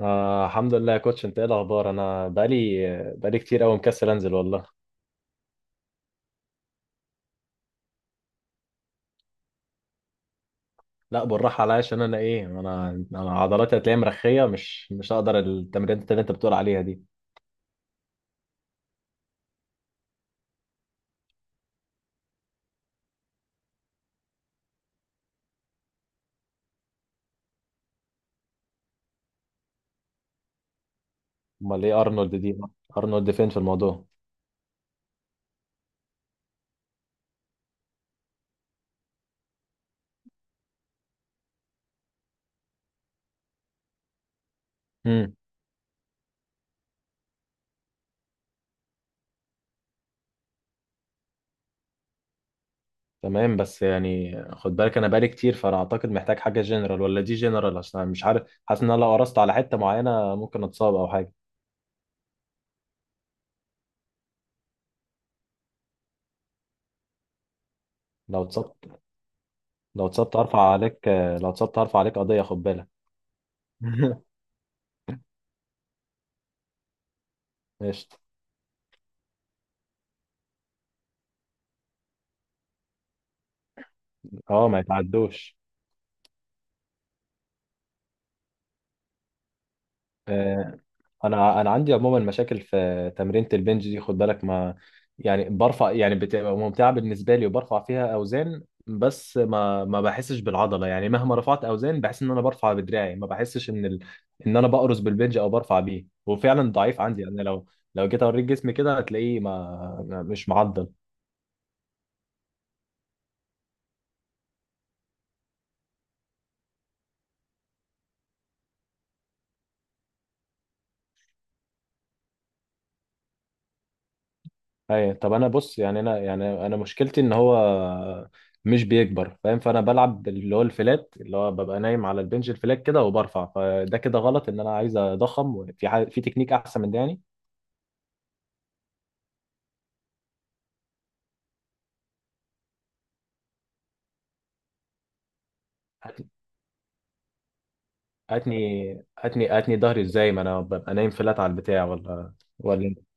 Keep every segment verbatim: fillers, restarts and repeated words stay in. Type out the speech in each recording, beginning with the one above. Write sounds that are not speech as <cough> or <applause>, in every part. آه الحمد لله يا كوتش، انت ايه الاخبار؟ انا بقالي بقالي كتير قوي مكسل انزل والله. لا بالراحه عليا، عشان انا ايه، انا انا عضلاتي هتلاقيها مرخيه، مش مش هقدر التمرينات اللي انت بتقول عليها دي. امال ايه ارنولد دي؟ ارنولد فين في الموضوع؟ امم تمام، بس يعني خد بالك انا بقالي كتير، فانا اعتقد محتاج حاجه جنرال، ولا دي جنرال؟ عشان انا مش عارف، حاسس ان انا لو قرصت على حته معينه ممكن اتصاب او حاجه. لو اتصبت، لو اتصبت هرفع عليك، لو اتصبت هرفع عليك قضيه خد بالك. <laughs> قشطه. اه ما يتعدوش. آه، انا انا عندي عموما مشاكل في تمرينة البنج دي، خد بالك. ما يعني برفع، يعني بتبقى ممتعة بالنسبة لي وبرفع فيها اوزان، بس ما ما بحسش بالعضلة، يعني مهما رفعت اوزان بحس ان انا برفع بدراعي، ما بحسش ان ال... ان انا بقرص بالبنج او برفع بيه، وفعلا ضعيف عندي يعني. لو لو جيت اوريك جسمي كده هتلاقيه ما ما- مش معضل. اي، طب انا بص، يعني انا، يعني انا مشكلتي ان هو مش بيكبر، فاهم؟ فانا بلعب اللي هو الفلات، اللي هو ببقى نايم على البنش الفلات كده وبرفع، فده كده غلط. ان انا عايز اضخم في ح... في تكنيك احسن من ده يعني. هات- هاتني هاتني هاتني ظهري ازاي ما انا ببقى نايم فلات على البتاع ولا ولا إيه؟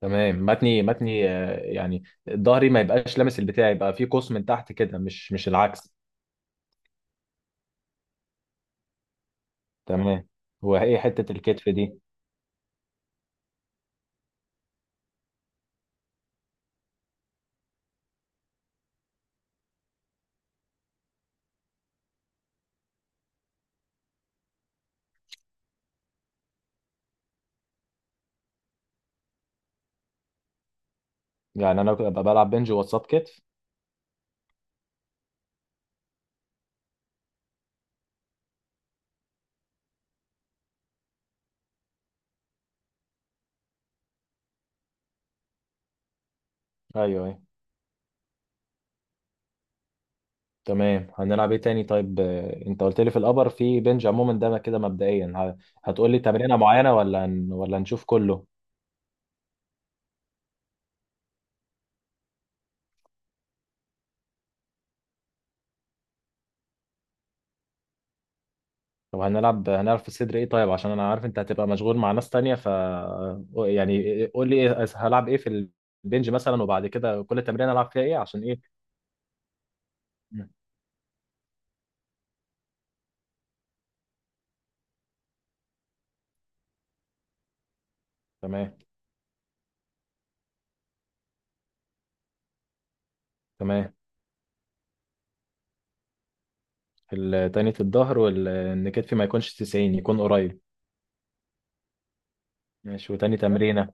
تمام، متني متني آه، يعني ظهري ما يبقاش لامس البتاع، يبقى في قوس من تحت كده، مش مش العكس. تمام، هو ايه حتة الكتف دي؟ يعني انا ببقى بلعب بنج وسط كتف. ايوه، أيوة. تمام، هنلعب ايه تاني طيب؟ آه، انت قلت لي في الابر في بنج عموما ده كده مبدئيا، ه- هتقول لي تمرينه معينه ولا هن... ولا نشوف كله؟ طب هنلعب هنلعب في الصدر ايه طيب؟ عشان انا عارف انت هتبقى مشغول مع ناس تانية، ف يعني قول لي إيه- هلعب ايه في البنج مثلا، وبعد كده كل تمرين العب فيها ايه عشان ايه؟ مم. تمام. تمام، ال- تانية الظهر، وان كتفي ما يكونش تسعين، يكون قريب. ماشي، وتاني تمرينه؟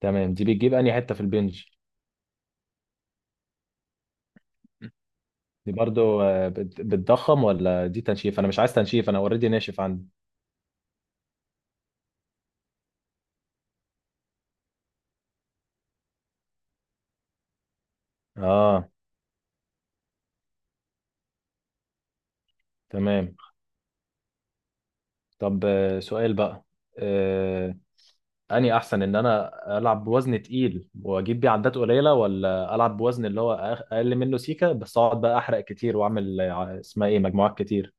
تمام، دي بتجيب انهي حته في البنج؟ دي برضو آه، بت- بتضخم ولا دي تنشيف؟ انا مش عايز تنشيف، انا اوريدي ناشف عندي. اه. تمام. طب آه، سؤال بقى، آه، اني احسن ان انا العب بوزن تقيل واجيب بيه عدات قليله، ولا العب بوزن اللي هو أخ- اقل منه سيكه، بس اقعد بقى احرق كتير واعمل آه، اسمها ايه، مجموعات كتير؟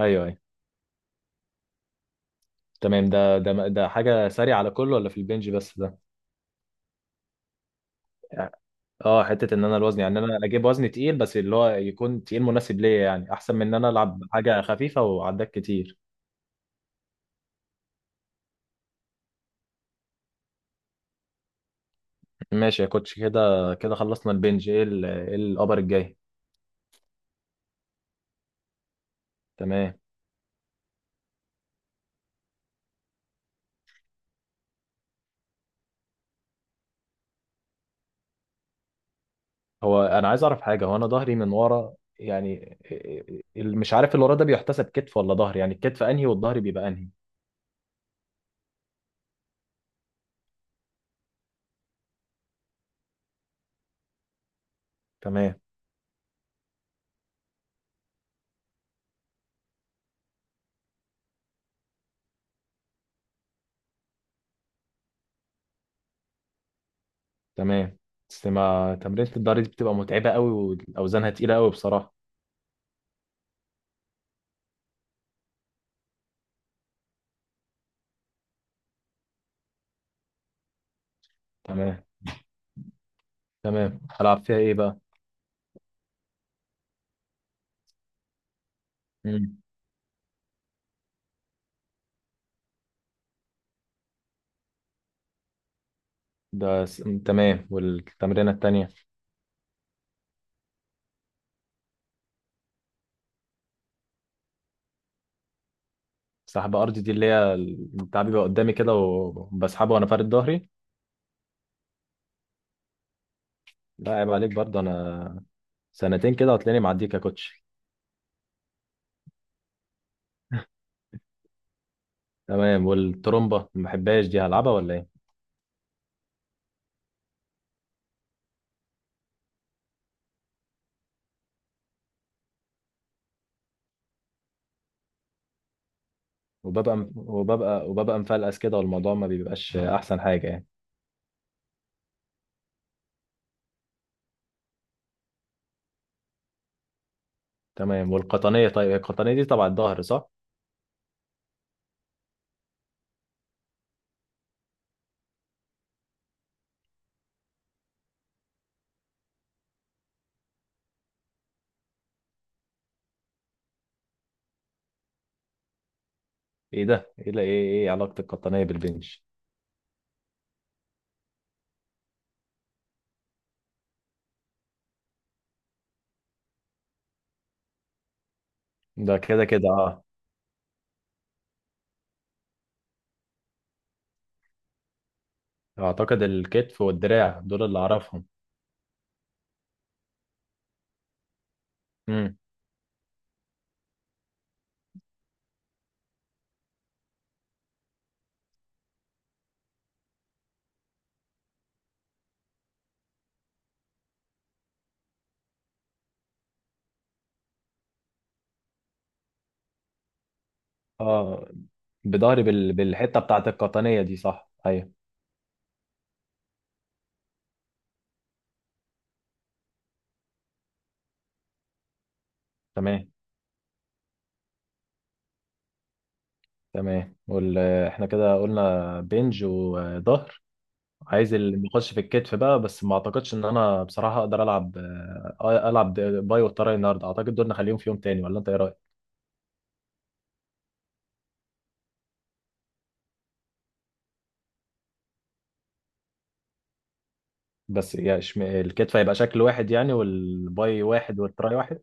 ايوه ايوه. تمام، ده ده ده حاجه سريعه على كله ولا في البنج بس ده؟ اه حته ان انا الوزن، يعني انا اجيب وزن تقيل بس اللي هو يكون تقيل مناسب ليا، يعني احسن من ان انا العب حاجه خفيفه وعداك كتير. ماشي يا كوتش، كده كده خلصنا البنج. ايه ال- ايه الابر الجاي؟ تمام. هو انا عايز اعرف حاجه، هو انا ظهري من ورا، يعني إيه- إيه- مش عارف، اللي ورا ده بيحتسب كتف ولا ظهر؟ يعني الكتف انهي والظهر بيبقى انهي؟ تمام. تمام، بس ما تمرينة الظهر دي بتبقى متعبه قوي واوزانها تقيله قوي بصراحه. تمام. تمام، هلعب فيها ايه بقى؟ مم. ده س... تمام، والتمرينه التانيه؟ سحب ارضي، دي اللي هي بتاع بيبقى قدامي كده وبسحبه وانا فارد ظهري؟ لا عيب عليك، برضه انا سنتين كده هتلاقيني معديك يا كوتش. تمام، والترومبه ما بحبهاش، دي هلعبها ولا ايه؟ وببقى وببقى وببقى مفلقس كده، والموضوع ما بيبقاش احسن حاجه يعني. تمام، والقطنيه؟ طيب القطنيه دي تبع الظهر صح؟ ايه ده؟ ايه ده؟ ايه ايه علاقه القطنيه بالبنش؟ ده كده كده اه. اعتقد الكتف والدراع، دول اللي اعرفهم. امم اه، بظهري بال... بالحته بتاعت القطنيه دي صح؟ ايوه. تمام. تمام، وال... احنا كده قلنا بنج وظهر. عايز اللي نخش في الكتف بقى، بس ما اعتقدش ان انا بصراحة اقدر العب، آه، العب باي والتراي النهارده، اعتقد دول نخليهم في يوم تاني، ولا انت ايه رأيك؟ بس يعني شم... الكتف هيبقى شكل واحد يعني، والباي واحد والتراي واحد؟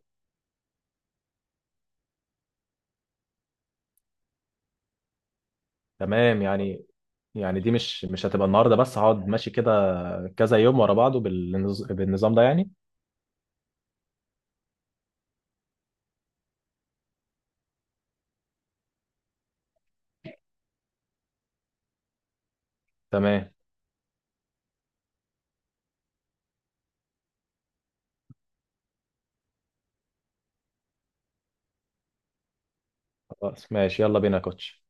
تمام. يعني، يعني دي مش مش هتبقى النهارده بس، هقعد ماشي كده كذا يوم ورا بعضه بالنظ... بالنظام ده يعني؟ تمام. خلاص ماشي، يلا بينا يا كوتش.